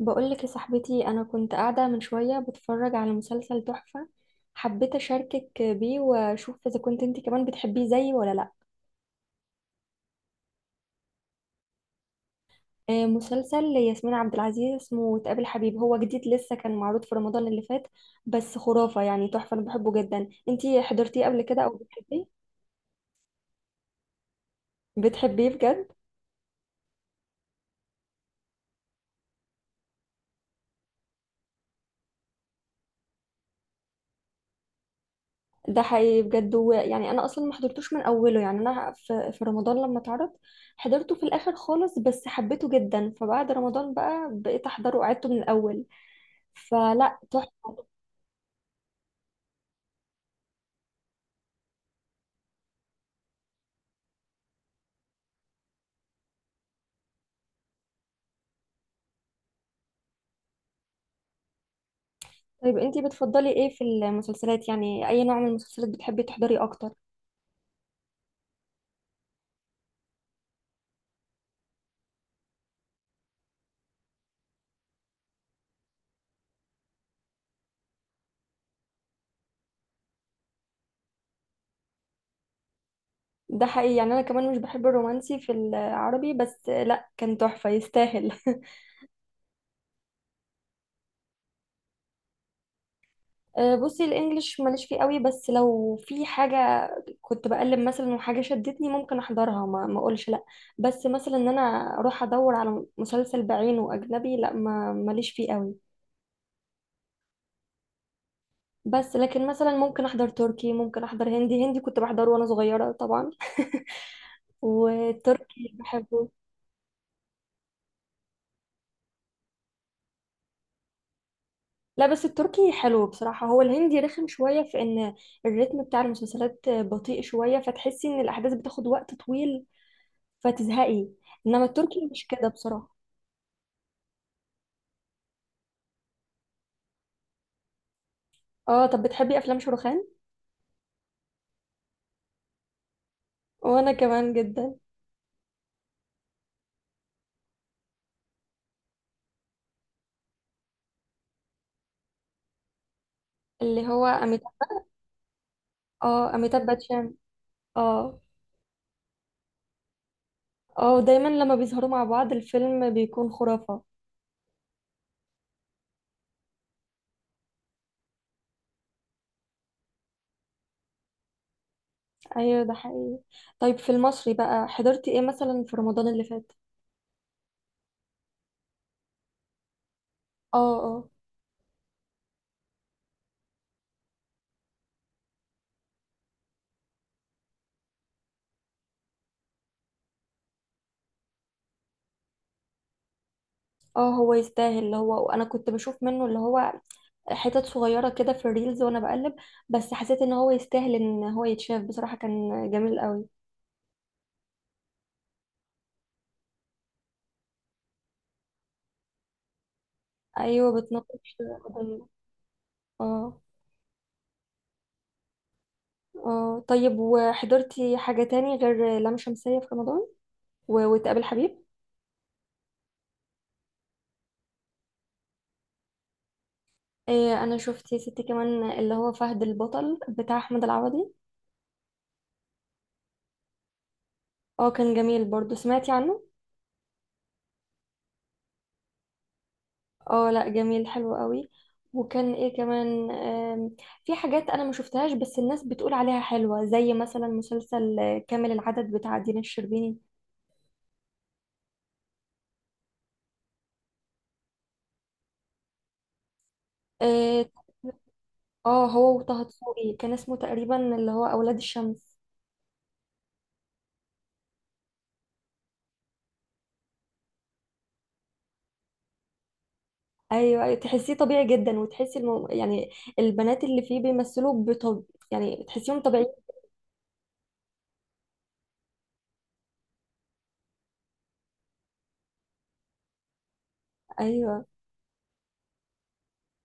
بقولك يا صاحبتي، أنا كنت قاعدة من شوية بتفرج على مسلسل تحفة. حبيت أشاركك بيه وأشوف إذا كنت أنت كمان بتحبيه زيي ولا لأ. مسلسل ياسمين عبد العزيز اسمه تقابل حبيب. هو جديد لسه، كان معروض في رمضان اللي فات، بس خرافة يعني تحفة. أنا بحبه جدا. أنت حضرتيه قبل كده أو بتحبيه؟ بتحبيه بجد. ده حقيقي بجد يعني انا اصلا ما حضرتوش من اوله. يعني انا في رمضان لما اتعرض حضرته في الاخر خالص، بس حبيته جدا. فبعد رمضان بقى بقيت احضره وقعدته من الاول. فلا، تحفة. طيب انتي بتفضلي ايه في المسلسلات؟ يعني اي نوع من المسلسلات بتحبي تحضري اكتر؟ ده حقيقي، يعني انا كمان مش بحب الرومانسي في العربي، بس لا، كان تحفة يستاهل. بصي، الانجليش ماليش فيه قوي، بس لو في حاجة كنت بقلب مثلا وحاجة شدتني ممكن احضرها، ما اقولش لا. بس مثلا ان انا اروح ادور على مسلسل بعينه اجنبي، لا، ما ماليش فيه قوي. بس لكن مثلا ممكن احضر تركي، ممكن احضر هندي. هندي كنت بحضره وانا صغيرة طبعا. والتركي بحبه. لا بس التركي حلو بصراحة. هو الهندي رخم شوية في ان الريتم بتاع المسلسلات بطيء شوية، فتحسي ان الاحداث بتاخد وقت طويل فتزهقي. انما التركي مش كده بصراحة. اه، طب بتحبي افلام شاروخان؟ وانا كمان جدا. اللي هو اميتاب. اه، اميتاب باتشان. اه. اه، دايما لما بيظهروا مع بعض الفيلم بيكون خرافة. ايوه ده حقيقي. طيب، في المصري بقى حضرتي ايه مثلا في رمضان اللي فات؟ اه. اه. اه، هو يستاهل. اللي هو انا كنت بشوف منه اللي هو حتت صغيرة كده في الريلز وانا بقلب، بس حسيت ان هو يستاهل ان هو يتشاف. بصراحة كان جميل قوي. ايوه، بتناقش قضية. اه. اه، طيب وحضرتي حاجة تاني غير لام شمسية في رمضان وتقابل حبيب؟ إيه، انا شفت يا ستي كمان اللي هو فهد البطل بتاع احمد العوضي. اه، كان جميل برضو. سمعتي عنه؟ اه لا، جميل حلو قوي. وكان ايه كمان؟ في حاجات انا ما شفتهاش بس الناس بتقول عليها حلوة، زي مثلا مسلسل كامل العدد بتاع دينا الشربيني. اه. هو وطه دسوقي كان اسمه تقريبا اللي هو اولاد الشمس. ايوه. أيوة، تحسيه طبيعي جدا، وتحسي يعني البنات اللي فيه بيمثلوا بطب، يعني تحسيهم طبيعيين. ايوه.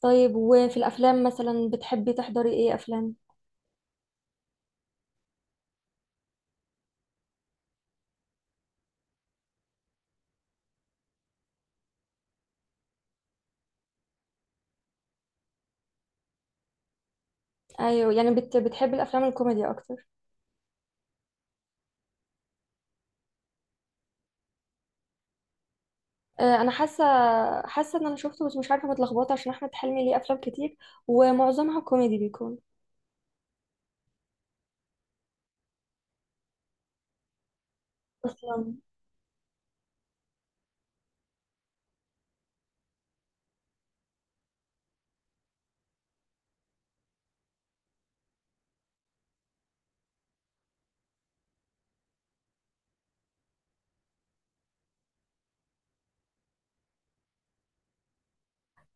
طيب، وفي الافلام مثلا بتحبي تحضري ايه افلام؟ ايوه، يعني بتحبي الافلام الكوميدي اكتر؟ انا حاسه ان انا شفته بس مش عارفه متلخبطه عشان احمد حلمي ليه افلام كتير، ومعظمها كوميدي بيكون. اصلا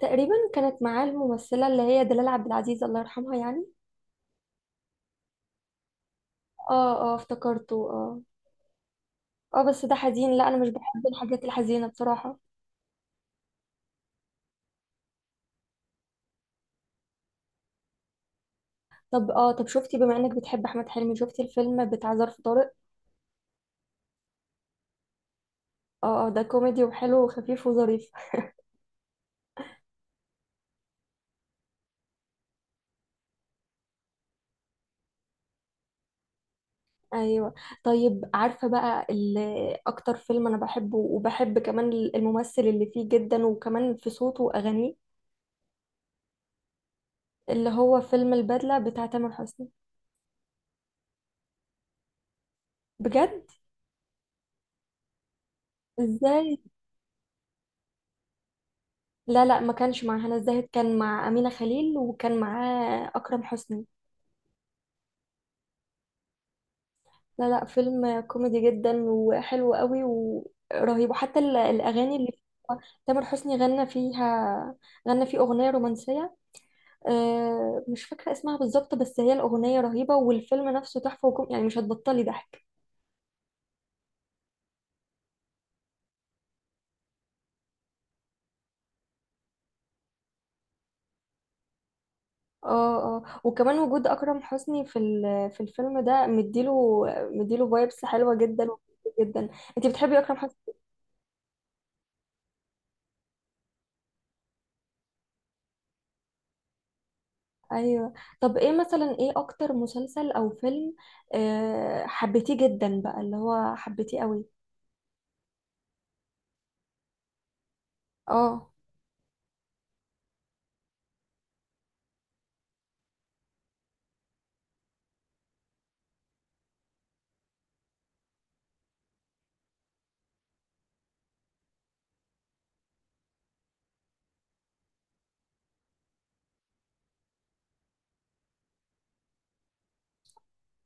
تقريبا كانت معاه الممثله اللي هي دلال عبد العزيز الله يرحمها يعني. اه. اه افتكرته، اه. اه بس ده حزين، لا انا مش بحب الحاجات الحزينه بصراحه. طب، طب شفتي بما انك بتحب احمد حلمي، شفتي الفيلم بتاع ظرف طارق؟ اه. اه، ده كوميدي وحلو وخفيف وظريف. ايوه. طيب، عارفه بقى اكتر فيلم انا بحبه وبحب كمان الممثل اللي فيه جدا وكمان في صوته واغانيه؟ اللي هو فيلم البدله بتاع تامر حسني. بجد؟ ازاي؟ لا لا، ما كانش مع هنا الزاهد، كان مع امينه خليل وكان معاه اكرم حسني. لا لا، فيلم كوميدي جدا وحلو قوي ورهيب، وحتى الاغاني اللي فيه تامر حسني غنى فيها. غنى فيه اغنيه رومانسيه، مش فاكرة اسمها بالظبط، بس هي الأغنية رهيبة، والفيلم نفسه تحفة وكم يعني مش هتبطلي ضحك. اه. اه، وكمان وجود أكرم حسني في في الفيلم ده مديله فايبس حلوة جدا جدا. انتي بتحبي أكرم حسني؟ ايوه. طب ايه مثلا، ايه اكتر مسلسل او فيلم حبيتيه جدا بقى؟ اللي هو حبيتيه قوي. اه.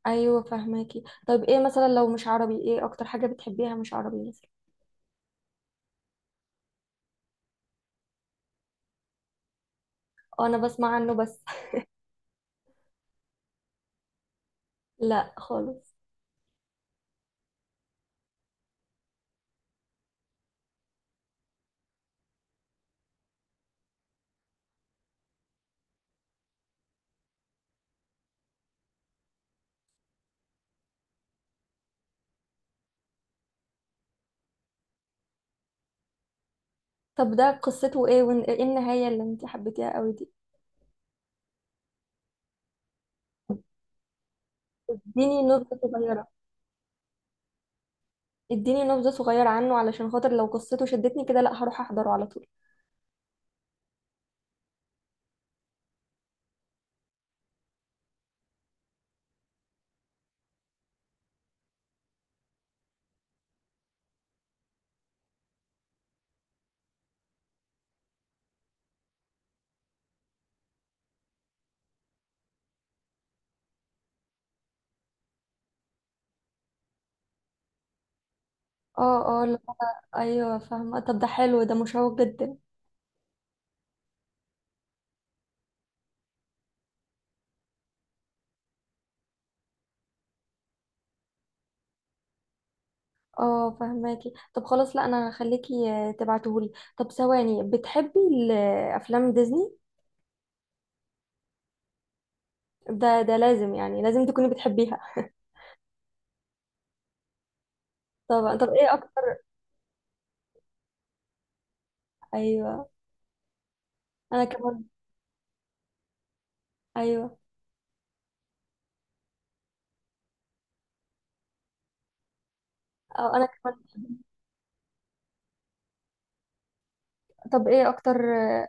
ايوه فهماكي. طيب ايه مثلا لو مش عربي؟ ايه اكتر حاجة بتحبيها مش عربي مثلا؟ انا بسمع عنه بس. لا خالص. طب ده قصته ايه وايه النهاية اللي انت حبيتيها قوي دي؟ اديني نبذة صغيرة. اديني نبذة صغيرة عنه علشان خاطر لو قصته شدتني كده لا هروح احضره على طول. اه. اه. لا. ايوه فاهمة. طب ده حلو، ده مشوق جدا. اه فهماكي. طب خلاص، لا انا هخليكي تبعتهولي. طب ثواني، بتحبي افلام ديزني؟ ده لازم، يعني لازم تكوني بتحبيها. طب طب ايه اكتر. ايوه انا كمان. ايوه. اه انا كمان. طب ايه اكتر.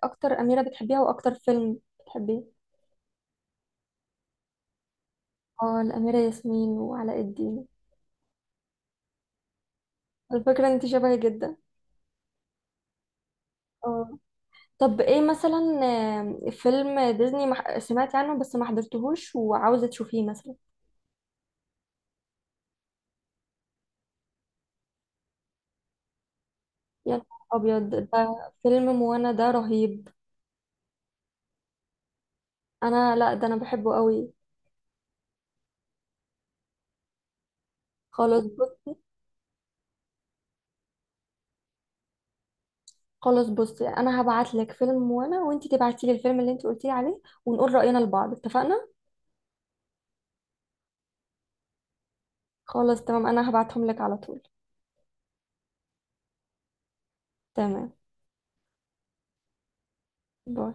اكتر اميره بتحبيها واكتر فيلم بتحبيه؟ اه، الاميره ياسمين وعلاء الدين. على فكره انت شبهي جدا. اه. طب ايه مثلا فيلم ديزني سمعت عنه بس ما حضرتهوش وعاوزه تشوفيه مثلا؟ يا نهار ابيض، ده فيلم موانا ده رهيب! انا لا، ده انا بحبه قوي. خلاص بص خلاص بصي، انا هبعت لك فيلم موانا وانت تبعتي لي الفيلم اللي انت قلتي لي عليه ونقول راينا لبعض. اتفقنا؟ خلاص تمام، انا هبعتهم لك على طول. تمام. باي.